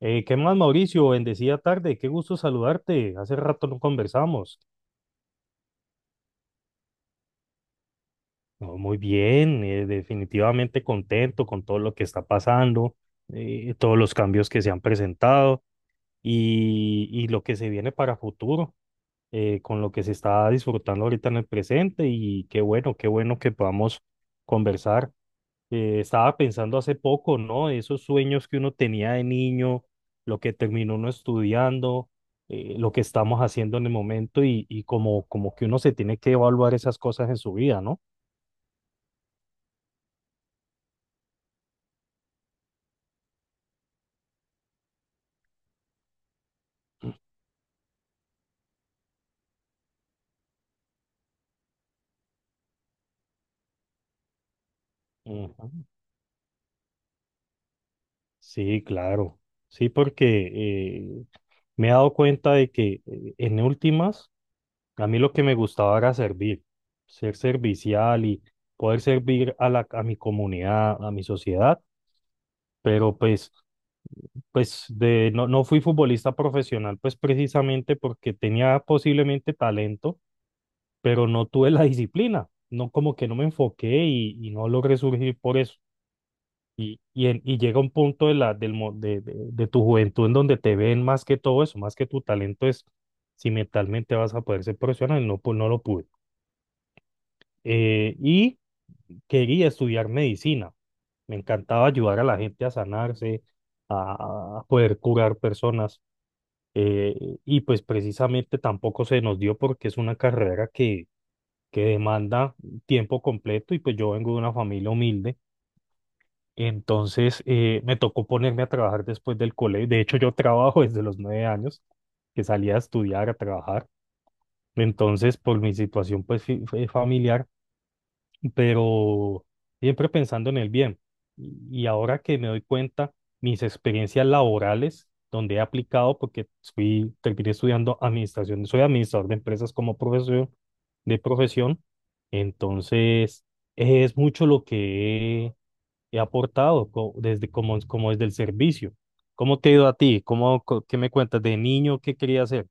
¿Qué más, Mauricio? Bendecida tarde, qué gusto saludarte. Hace rato no conversamos. No, muy bien, definitivamente contento con todo lo que está pasando, todos los cambios que se han presentado y lo que se viene para futuro, con lo que se está disfrutando ahorita en el presente y qué bueno que podamos conversar. Estaba pensando hace poco, ¿no? Esos sueños que uno tenía de niño, lo que terminó uno estudiando, lo que estamos haciendo en el momento y como, como que uno se tiene que evaluar esas cosas en su vida, ¿no? Ujú. Sí, claro. Sí, porque me he dado cuenta de que en últimas, a mí lo que me gustaba era servir, ser servicial y poder servir a la, a mi comunidad, a mi sociedad, pero pues... Pues de, no, no fui futbolista profesional, pues precisamente porque tenía posiblemente talento, pero no tuve la disciplina, no como que no me enfoqué y no logré surgir por eso. Y y llega un punto de, la, del, de tu juventud en donde te ven más que todo eso, más que tu talento es si mentalmente vas a poder ser profesional, y no, pues no lo pude. Y quería estudiar medicina, me encantaba ayudar a la gente a sanarse, a poder curar personas y pues precisamente tampoco se nos dio porque es una carrera que demanda tiempo completo y pues yo vengo de una familia humilde, entonces me tocó ponerme a trabajar después del colegio. De hecho, yo trabajo desde los 9 años, que salía a estudiar, a trabajar. Entonces, por mi situación pues fue familiar, pero siempre pensando en el bien. Y y ahora que me doy cuenta, mis experiencias laborales, donde he aplicado, porque fui, terminé estudiando administración, soy administrador de empresas como profesión, de profesión, entonces es mucho lo que he, he aportado desde, como, como desde el servicio. ¿Cómo te ha ido a ti? ¿Cómo, qué me cuentas de niño? ¿Qué quería hacer?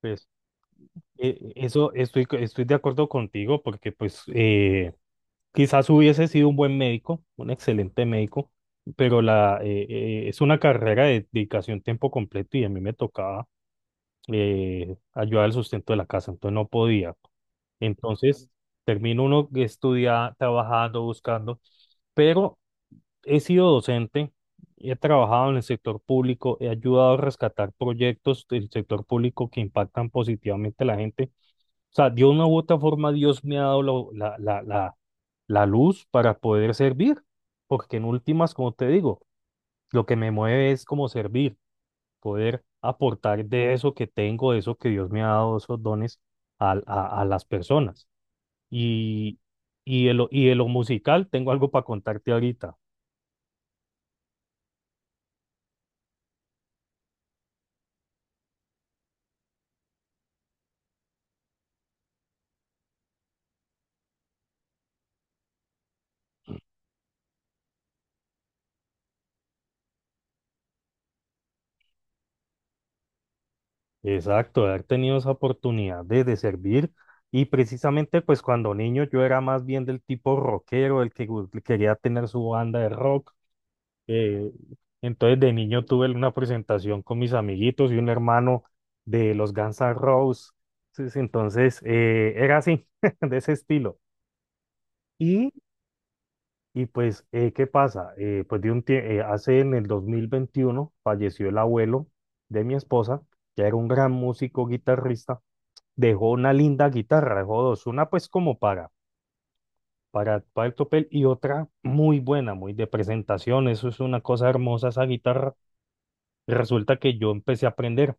Pues eso estoy, estoy de acuerdo contigo porque pues... Quizás hubiese sido un buen médico, un excelente médico, pero la, es una carrera de dedicación tiempo completo y a mí me tocaba ayudar al sustento de la casa, entonces no podía. Entonces termino uno estudiando, trabajando, buscando, pero he sido docente, he trabajado en el sector público, he ayudado a rescatar proyectos del sector público que impactan positivamente a la gente. O sea, de una u otra forma Dios me ha dado la luz para poder servir, porque en últimas, como te digo, lo que me mueve es como servir, poder aportar de eso que tengo, de eso que Dios me ha dado, esos dones a las personas. Y, y de lo musical, tengo algo para contarte ahorita. Exacto, de haber tenido esa oportunidad de servir. Y precisamente, pues cuando niño yo era más bien del tipo rockero, el que quería tener su banda de rock. Eh, entonces de niño tuve una presentación con mis amiguitos y un hermano de los Guns N' Roses. Entonces era así, de ese estilo. Y, y ¿qué pasa? Hace en el 2021 falleció el abuelo de mi esposa, que era un gran músico guitarrista, dejó una linda guitarra, dejó dos, una pues como para el topel y otra muy buena, muy de presentación. Eso es una cosa hermosa esa guitarra. Y resulta que yo empecé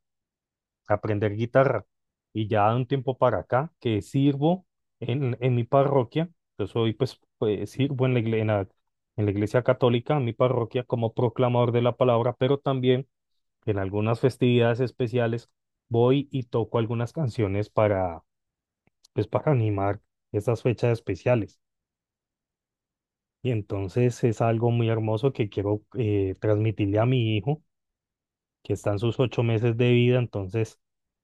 a aprender guitarra. Y ya de un tiempo para acá, que sirvo en mi parroquia, yo soy, pues, pues, sirvo en la, en la, en la iglesia católica, en mi parroquia, como proclamador de la palabra, pero también en algunas festividades especiales voy y toco algunas canciones para, pues, para animar estas fechas especiales. Y entonces es algo muy hermoso que quiero transmitirle a mi hijo, que están sus 8 meses de vida. Entonces,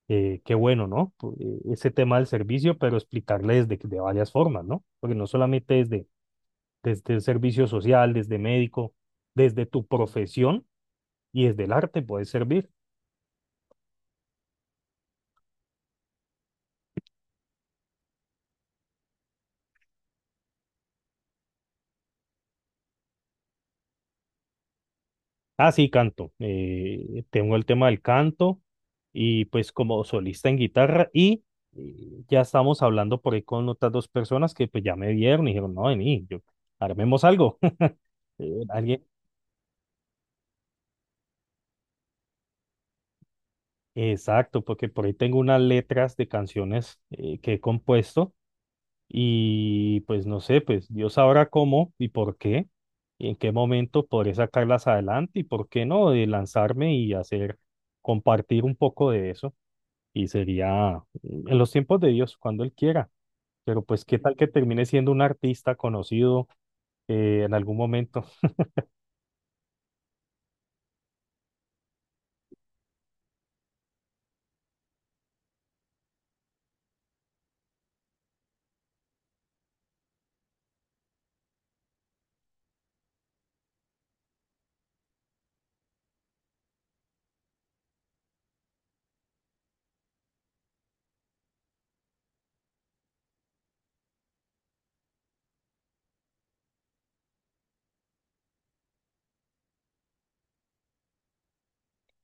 qué bueno, ¿no? Ese tema del servicio, pero explicarle desde, de varias formas, ¿no? Porque no solamente desde, desde el servicio social, desde médico, desde tu profesión y desde el arte puedes servir. Ah, sí, canto. Tengo el tema del canto y pues como solista en guitarra y... Ya estamos hablando por ahí con otras 2 personas que pues ya me vieron y dijeron, no, vení, yo, armemos algo. Eh, alguien, Exacto, porque por ahí tengo unas letras de canciones que he compuesto y pues no sé, pues Dios sabrá cómo y por qué y en qué momento podré sacarlas adelante y por qué no, de lanzarme y hacer, compartir un poco de eso y sería en los tiempos de Dios, cuando Él quiera, pero pues qué tal que termine siendo un artista conocido en algún momento.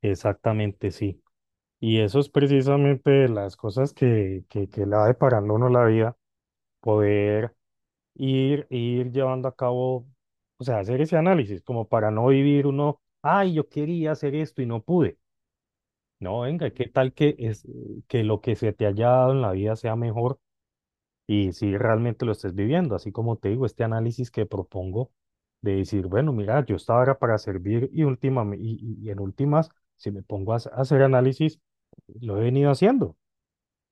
Exactamente, sí. Y eso es precisamente las cosas que le va deparando a uno la vida poder ir, ir llevando a cabo. O sea, hacer ese análisis, como para no vivir uno, ay, yo quería hacer esto y no pude. No, venga, ¿qué tal que, es, que lo que se te haya dado en la vida sea mejor y si realmente lo estés viviendo? Así como te digo, este análisis que propongo de decir, bueno, mira, yo estaba ahora para servir y en últimas, si me pongo a a hacer análisis, lo he venido haciendo.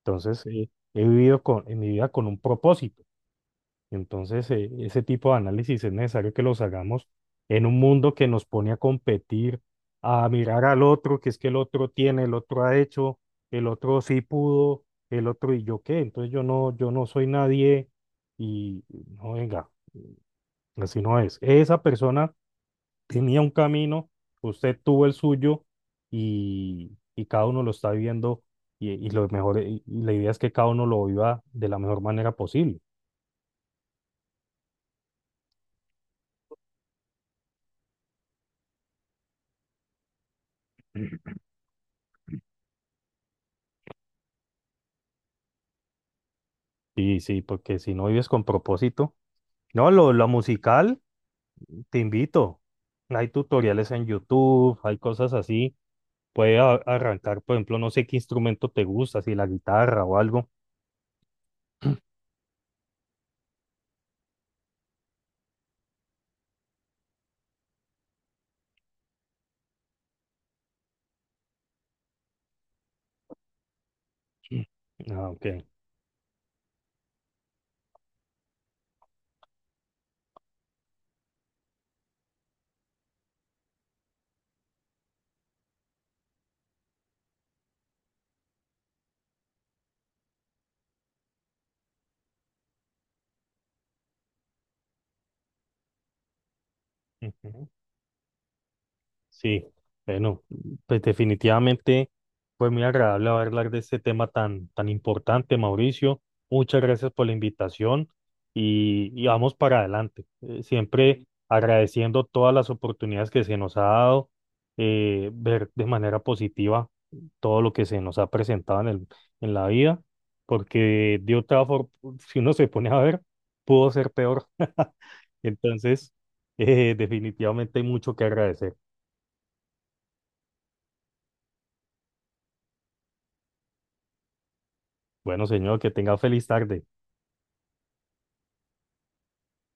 Entonces, he vivido con, en mi vida con un propósito. Entonces, ese tipo de análisis es necesario que los hagamos en un mundo que nos pone a competir, a mirar al otro, que es que el otro tiene, el otro ha hecho, el otro sí pudo, el otro y yo qué. Entonces yo no, yo no soy nadie y no venga, así no es. Esa persona tenía un camino, usted tuvo el suyo y cada uno lo está viviendo y lo mejor, y la idea es que cada uno lo viva de la mejor manera posible. Sí, sí, porque si no vives con propósito. No, lo musical, te invito. Hay tutoriales en YouTube, hay cosas así. Puedes arrancar, por ejemplo, no sé qué instrumento te gusta, si la guitarra o algo. Ah, ok. Ujú. Sí, bueno, pues definitivamente fue muy agradable haber hablar de este tema tan, tan importante, Mauricio. Muchas gracias por la invitación y vamos para adelante. Siempre agradeciendo todas las oportunidades que se nos ha dado, ver de manera positiva todo lo que se nos ha presentado en el, en la vida, porque de otra forma, si uno se pone a ver, pudo ser peor. Entonces, definitivamente hay mucho que agradecer. Bueno, señor, que tenga feliz tarde.